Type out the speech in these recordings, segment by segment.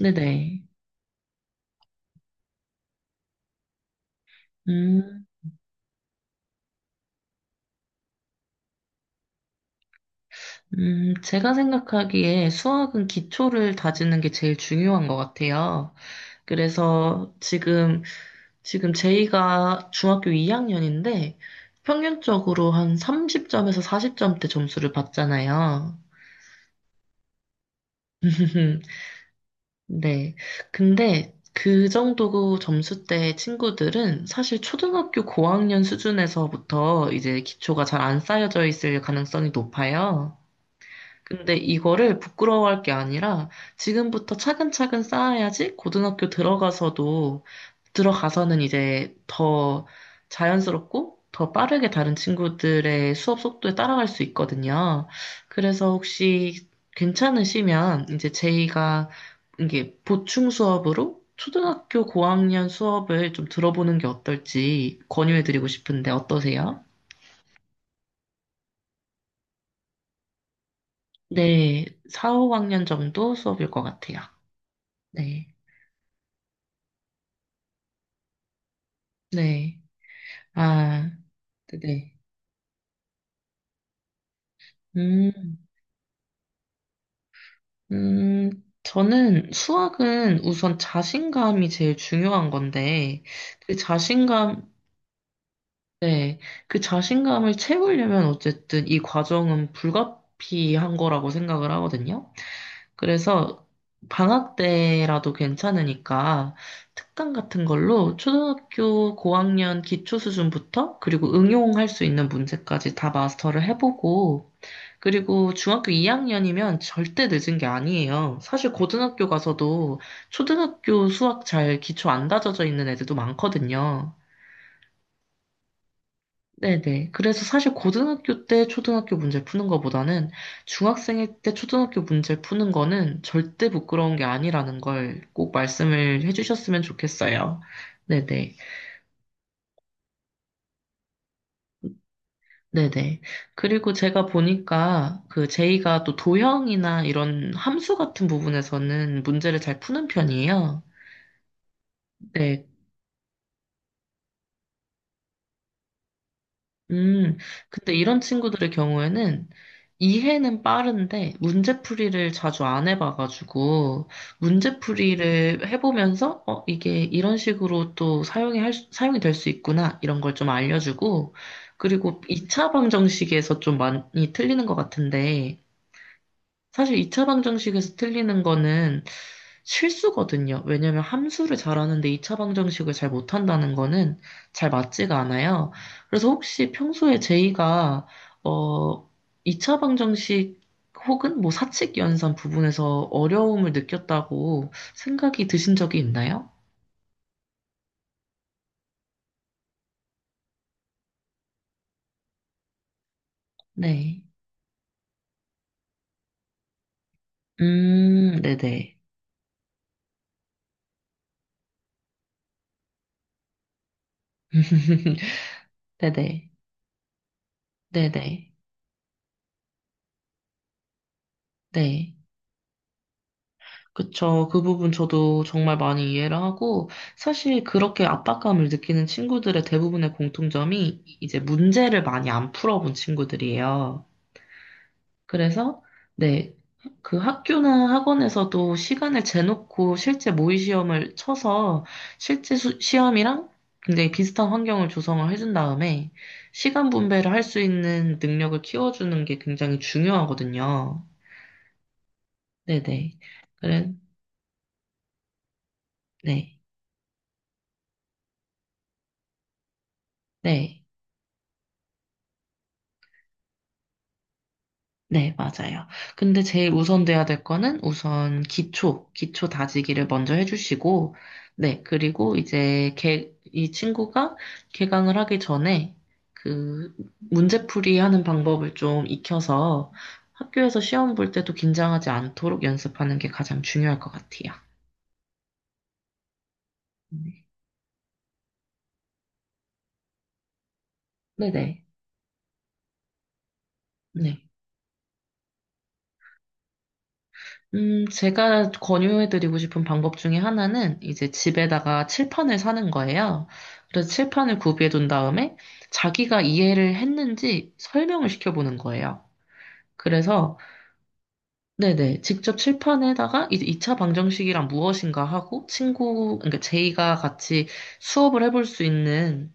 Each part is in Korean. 네네. 음, 제가 생각하기에 수학은 기초를 다지는 게 제일 중요한 것 같아요. 그래서 지금 제이가 중학교 2학년인데 평균적으로 한 30점에서 40점대 점수를 받잖아요. 네. 근데 그 정도 점수대 친구들은 사실 초등학교 고학년 수준에서부터 이제 기초가 잘 안 쌓여져 있을 가능성이 높아요. 근데 이거를 부끄러워할 게 아니라 지금부터 차근차근 쌓아야지 고등학교 들어가서도 들어가서는 이제 더 자연스럽고 더 빠르게 다른 친구들의 수업 속도에 따라갈 수 있거든요. 그래서 혹시 괜찮으시면 이제 제이가 이게 보충 수업으로 초등학교 고학년 수업을 좀 들어보는 게 어떨지 권유해드리고 싶은데 어떠세요? 네, 4, 5학년 정도 수업일 것 같아요. 네. 네. 아, 네. 음, 음, 저는 수학은 우선 자신감이 제일 중요한 건데, 그 자신감, 네. 그 자신감을 채우려면 어쨌든 이 과정은 불가피한 거라고 생각을 하거든요. 그래서 방학 때라도 괜찮으니까 특강 같은 걸로 초등학교 고학년 기초 수준부터 그리고 응용할 수 있는 문제까지 다 마스터를 해보고, 그리고 중학교 2학년이면 절대 늦은 게 아니에요. 사실 고등학교 가서도 초등학교 수학 잘 기초 안 다져져 있는 애들도 많거든요. 네네. 그래서 사실 고등학교 때 초등학교 문제 푸는 거보다는 중학생일 때 초등학교 문제 푸는 거는 절대 부끄러운 게 아니라는 걸 꼭 말씀을 해주셨으면 좋겠어요. 네네. 네네. 그리고 제가 보니까 그 제이가 또 도형이나 이런 함수 같은 부분에서는 문제를 잘 푸는 편이에요. 네. 음, 근데 이런 친구들의 경우에는 이해는 빠른데 문제풀이를 자주 안 해봐가지고 문제풀이를 해보면서 어, 이게 이런 식으로 또 사용이 될 수 있구나 이런 걸 좀 알려주고 그리고 2차 방정식에서 좀 많이 틀리는 것 같은데 사실 2차 방정식에서 틀리는 거는 실수거든요. 왜냐면 함수를 잘하는데 2차 방정식을 잘 못한다는 거는 잘 맞지가 않아요. 그래서 혹시 평소에 제이가 어 2차 방정식 혹은 뭐 사칙 연산 부분에서 어려움을 느꼈다고 생각이 드신 적이 있나요? 네. 네네. 네네. 네네. 네. 그쵸. 그 부분 저도 정말 많이 이해를 하고, 사실 그렇게 압박감을 느끼는 친구들의 대부분의 공통점이 이제 문제를 많이 안 풀어본 친구들이에요. 그래서, 네. 그 학교나 학원에서도 시간을 재놓고 실제 모의 시험을 쳐서 시험이랑 굉장히 비슷한 환경을 조성을 해준 다음에 시간 분배를 할 수 있는 능력을 키워주는 게 굉장히 중요하거든요. 네네. 그래, 네. 네. 네, 맞아요. 근데 제일 우선돼야 될 거는 우선 기초, 기초 다지기를 먼저 해주시고, 네, 그리고 이제 이 친구가 개강을 하기 전에 그 문제풀이 하는 방법을 좀 익혀서 학교에서 시험 볼 때도 긴장하지 않도록 연습하는 게 가장 중요할 것 같아요. 네네. 네. 네. 제가 권유해드리고 싶은 방법 중에 하나는 이제 집에다가 칠판을 사는 거예요. 그래서 칠판을 구비해둔 다음에 자기가 이해를 했는지 설명을 시켜보는 거예요. 그래서, 네네, 직접 칠판에다가 이제 2차 방정식이란 무엇인가 하고 친구, 그러니까 제이가 같이 수업을 해볼 수 있는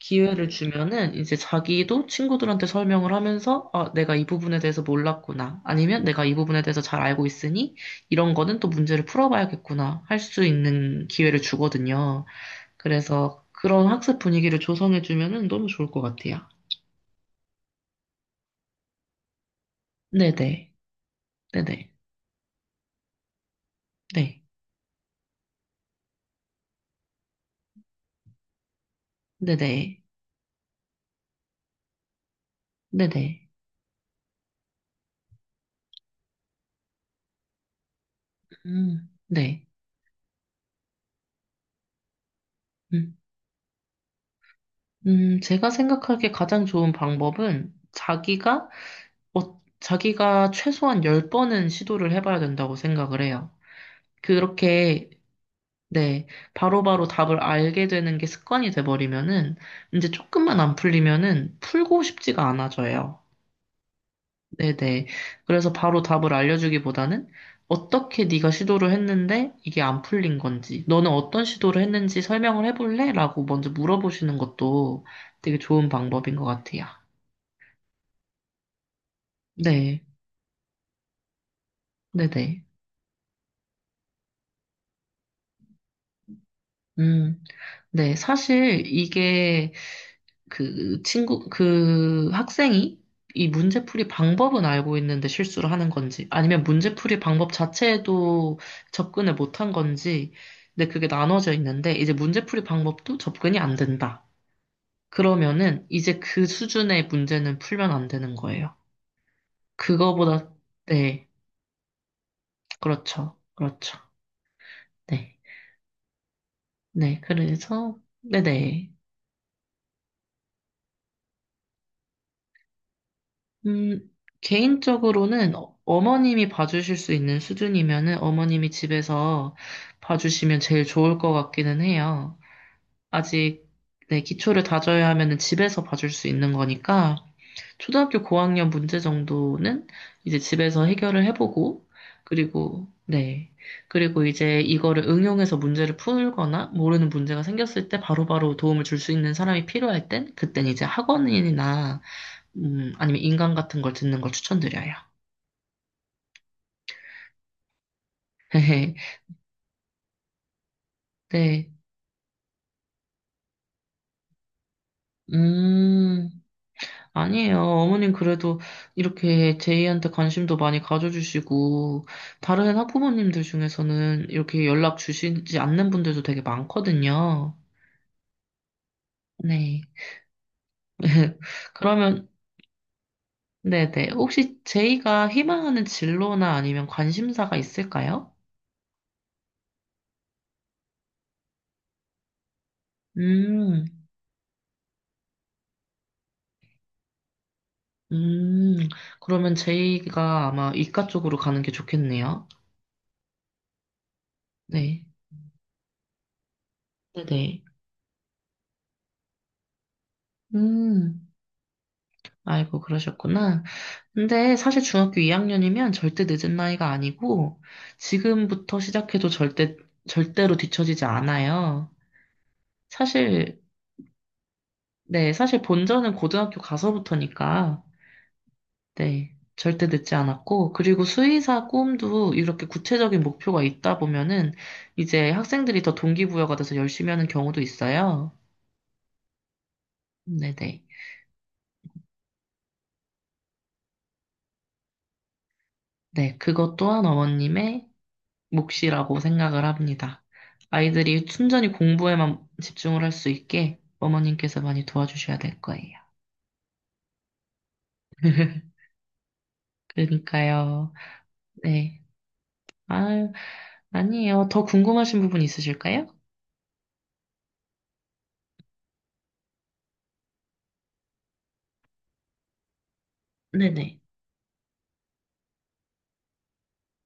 기회를 주면은 이제 자기도 친구들한테 설명을 하면서 아, 내가 이 부분에 대해서 몰랐구나. 아니면 내가 이 부분에 대해서 잘 알고 있으니 이런 거는 또 문제를 풀어봐야겠구나. 할 수 있는 기회를 주거든요. 그래서 그런 학습 분위기를 조성해 주면은 너무 좋을 것 같아요. 네네. 네네. 네. 네네. 네네. 네. 음, 제가 생각하기에 가장 좋은 방법은 자기가, 자기가 최소한 10번은 시도를 해봐야 된다고 생각을 해요. 그렇게, 네, 바로바로 답을 알게 되는 게 습관이 돼버리면은, 이제 조금만 안 풀리면은 풀고 싶지가 않아져요. 네네. 그래서 바로 답을 알려주기보다는 어떻게 네가 시도를 했는데 이게 안 풀린 건지, 너는 어떤 시도를 했는지 설명을 해볼래? 라고 먼저 물어보시는 것도 되게 좋은 방법인 것 같아요. 네, 네네. 음, 네. 사실 이게 그 학생이 이 문제풀이 방법은 알고 있는데 실수를 하는 건지, 아니면 문제풀이 방법 자체에도 접근을 못한 건지, 근데 그게 나눠져 있는데, 이제 문제풀이 방법도 접근이 안 된다. 그러면은 이제 그 수준의 문제는 풀면 안 되는 거예요. 그거보다, 네, 그렇죠. 그렇죠. 네. 네, 그래서, 네네. 음, 개인적으로는 어머님이 봐주실 수 있는 수준이면은 어머님이 집에서 봐주시면 제일 좋을 것 같기는 해요. 아직 네, 기초를 다져야 하면은 집에서 봐줄 수 있는 거니까 초등학교 고학년 문제 정도는 이제 집에서 해결을 해보고 그리고 네. 그리고 이제 이거를 응용해서 문제를 풀거나 모르는 문제가 생겼을 때 바로바로 도움을 줄 수 있는 사람이 필요할 땐 그땐 이제 학원이나 아니면 인강 같은 걸 듣는 걸 추천드려요. 네. 음, 아니에요. 어머님 그래도 이렇게 제이한테 관심도 많이 가져주시고, 다른 학부모님들 중에서는 이렇게 연락 주시지 않는 분들도 되게 많거든요. 네. 그러면, 네네. 혹시 제이가 희망하는 진로나 아니면 관심사가 있을까요? 음, 음. 그러면 제이가 아마 이과 쪽으로 가는 게 좋겠네요. 네. 네네. 음, 아이고, 그러셨구나. 근데 사실 중학교 2학년이면 절대 늦은 나이가 아니고, 지금부터 시작해도 절대, 절대로 뒤처지지 않아요. 사실, 네, 사실 본전은 고등학교 가서부터니까, 네, 절대 늦지 않았고, 그리고 수의사 꿈도 이렇게 구체적인 목표가 있다 보면은, 이제 학생들이 더 동기부여가 돼서 열심히 하는 경우도 있어요. 네네. 네, 네, 그것 또한 어머님의 몫이라고 생각을 합니다. 아이들이 순전히 공부에만 집중을 할 수 있게 어머님께서 많이 도와주셔야 될 거예요. 그러니까요. 네. 아, 아니에요. 더 궁금하신 부분 있으실까요? 네네.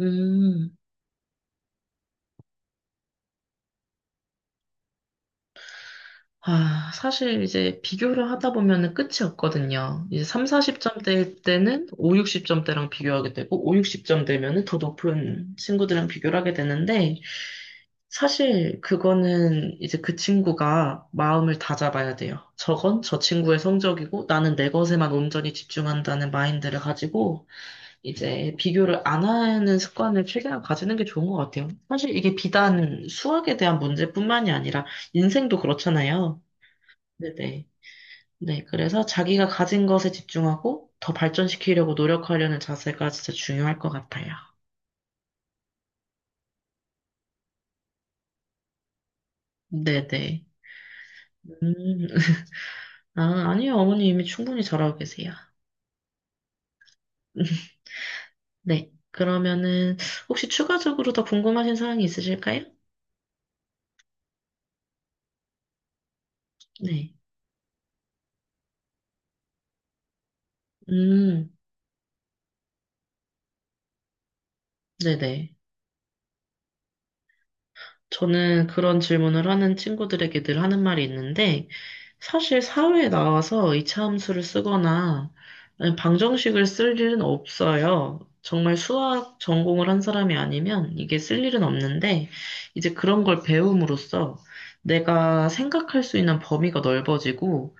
음. 아, 사실 이제 비교를 하다 보면은 끝이 없거든요. 이제 3, 40점대일 때는 5, 60점대랑 비교하게 되고, 5, 60점대면은 더 높은 친구들이랑 비교를 하게 되는데, 사실 그거는 이제 그 친구가 마음을 다잡아야 돼요. 저건 저 친구의 성적이고, 나는 내 것에만 온전히 집중한다는 마인드를 가지고, 이제 비교를 안 하는 습관을 최대한 가지는 게 좋은 것 같아요. 사실 이게 비단 수학에 대한 문제뿐만이 아니라, 인생도 그렇잖아요. 네네. 네, 그래서 자기가 가진 것에 집중하고 더 발전시키려고 노력하려는 자세가 진짜 중요할 것 같아요. 네네. 음, 아, 아니요, 어머니 이미 충분히 잘하고 계세요. 네. 그러면은, 혹시 추가적으로 더 궁금하신 사항이 있으실까요? 네. 음, 네네. 저는 그런 질문을 하는 친구들에게 늘 하는 말이 있는데, 사실 사회에 나와서 이차함수를 쓰거나 아니면 방정식을 쓸 일은 없어요. 정말 수학 전공을 한 사람이 아니면 이게 쓸 일은 없는데, 이제 그런 걸 배움으로써 내가 생각할 수 있는 범위가 넓어지고,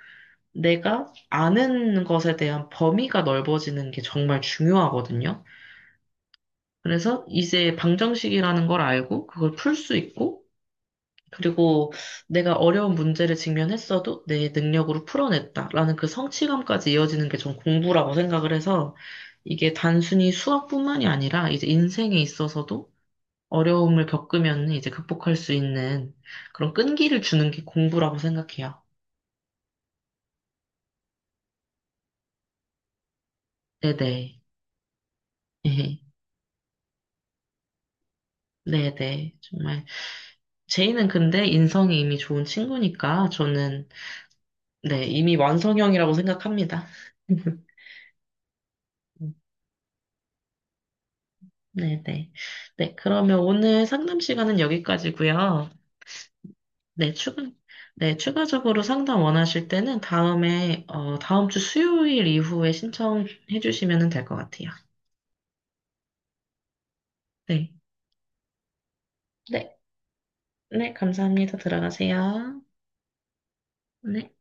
내가 아는 것에 대한 범위가 넓어지는 게 정말 중요하거든요. 그래서 이제 방정식이라는 걸 알고 그걸 풀 수 있고, 그리고 내가 어려운 문제를 직면했어도 내 능력으로 풀어냈다라는 그 성취감까지 이어지는 게 전 공부라고 생각을 해서 이게 단순히 수학뿐만이 아니라 이제 인생에 있어서도 어려움을 겪으면 이제 극복할 수 있는 그런 끈기를 주는 게 공부라고 생각해요. 네네. 네네. 정말. 제이는 근데 인성이 이미 좋은 친구니까 저는 네, 이미 완성형이라고 생각합니다. 네네. 네, 그러면 오늘 상담 시간은 여기까지고요. 네, 네, 추가적으로 상담 원하실 때는 다음에, 다음 주 수요일 이후에 신청해 주시면 될 것 같아요. 네. 네, 네, 감사합니다. 들어가세요. 네.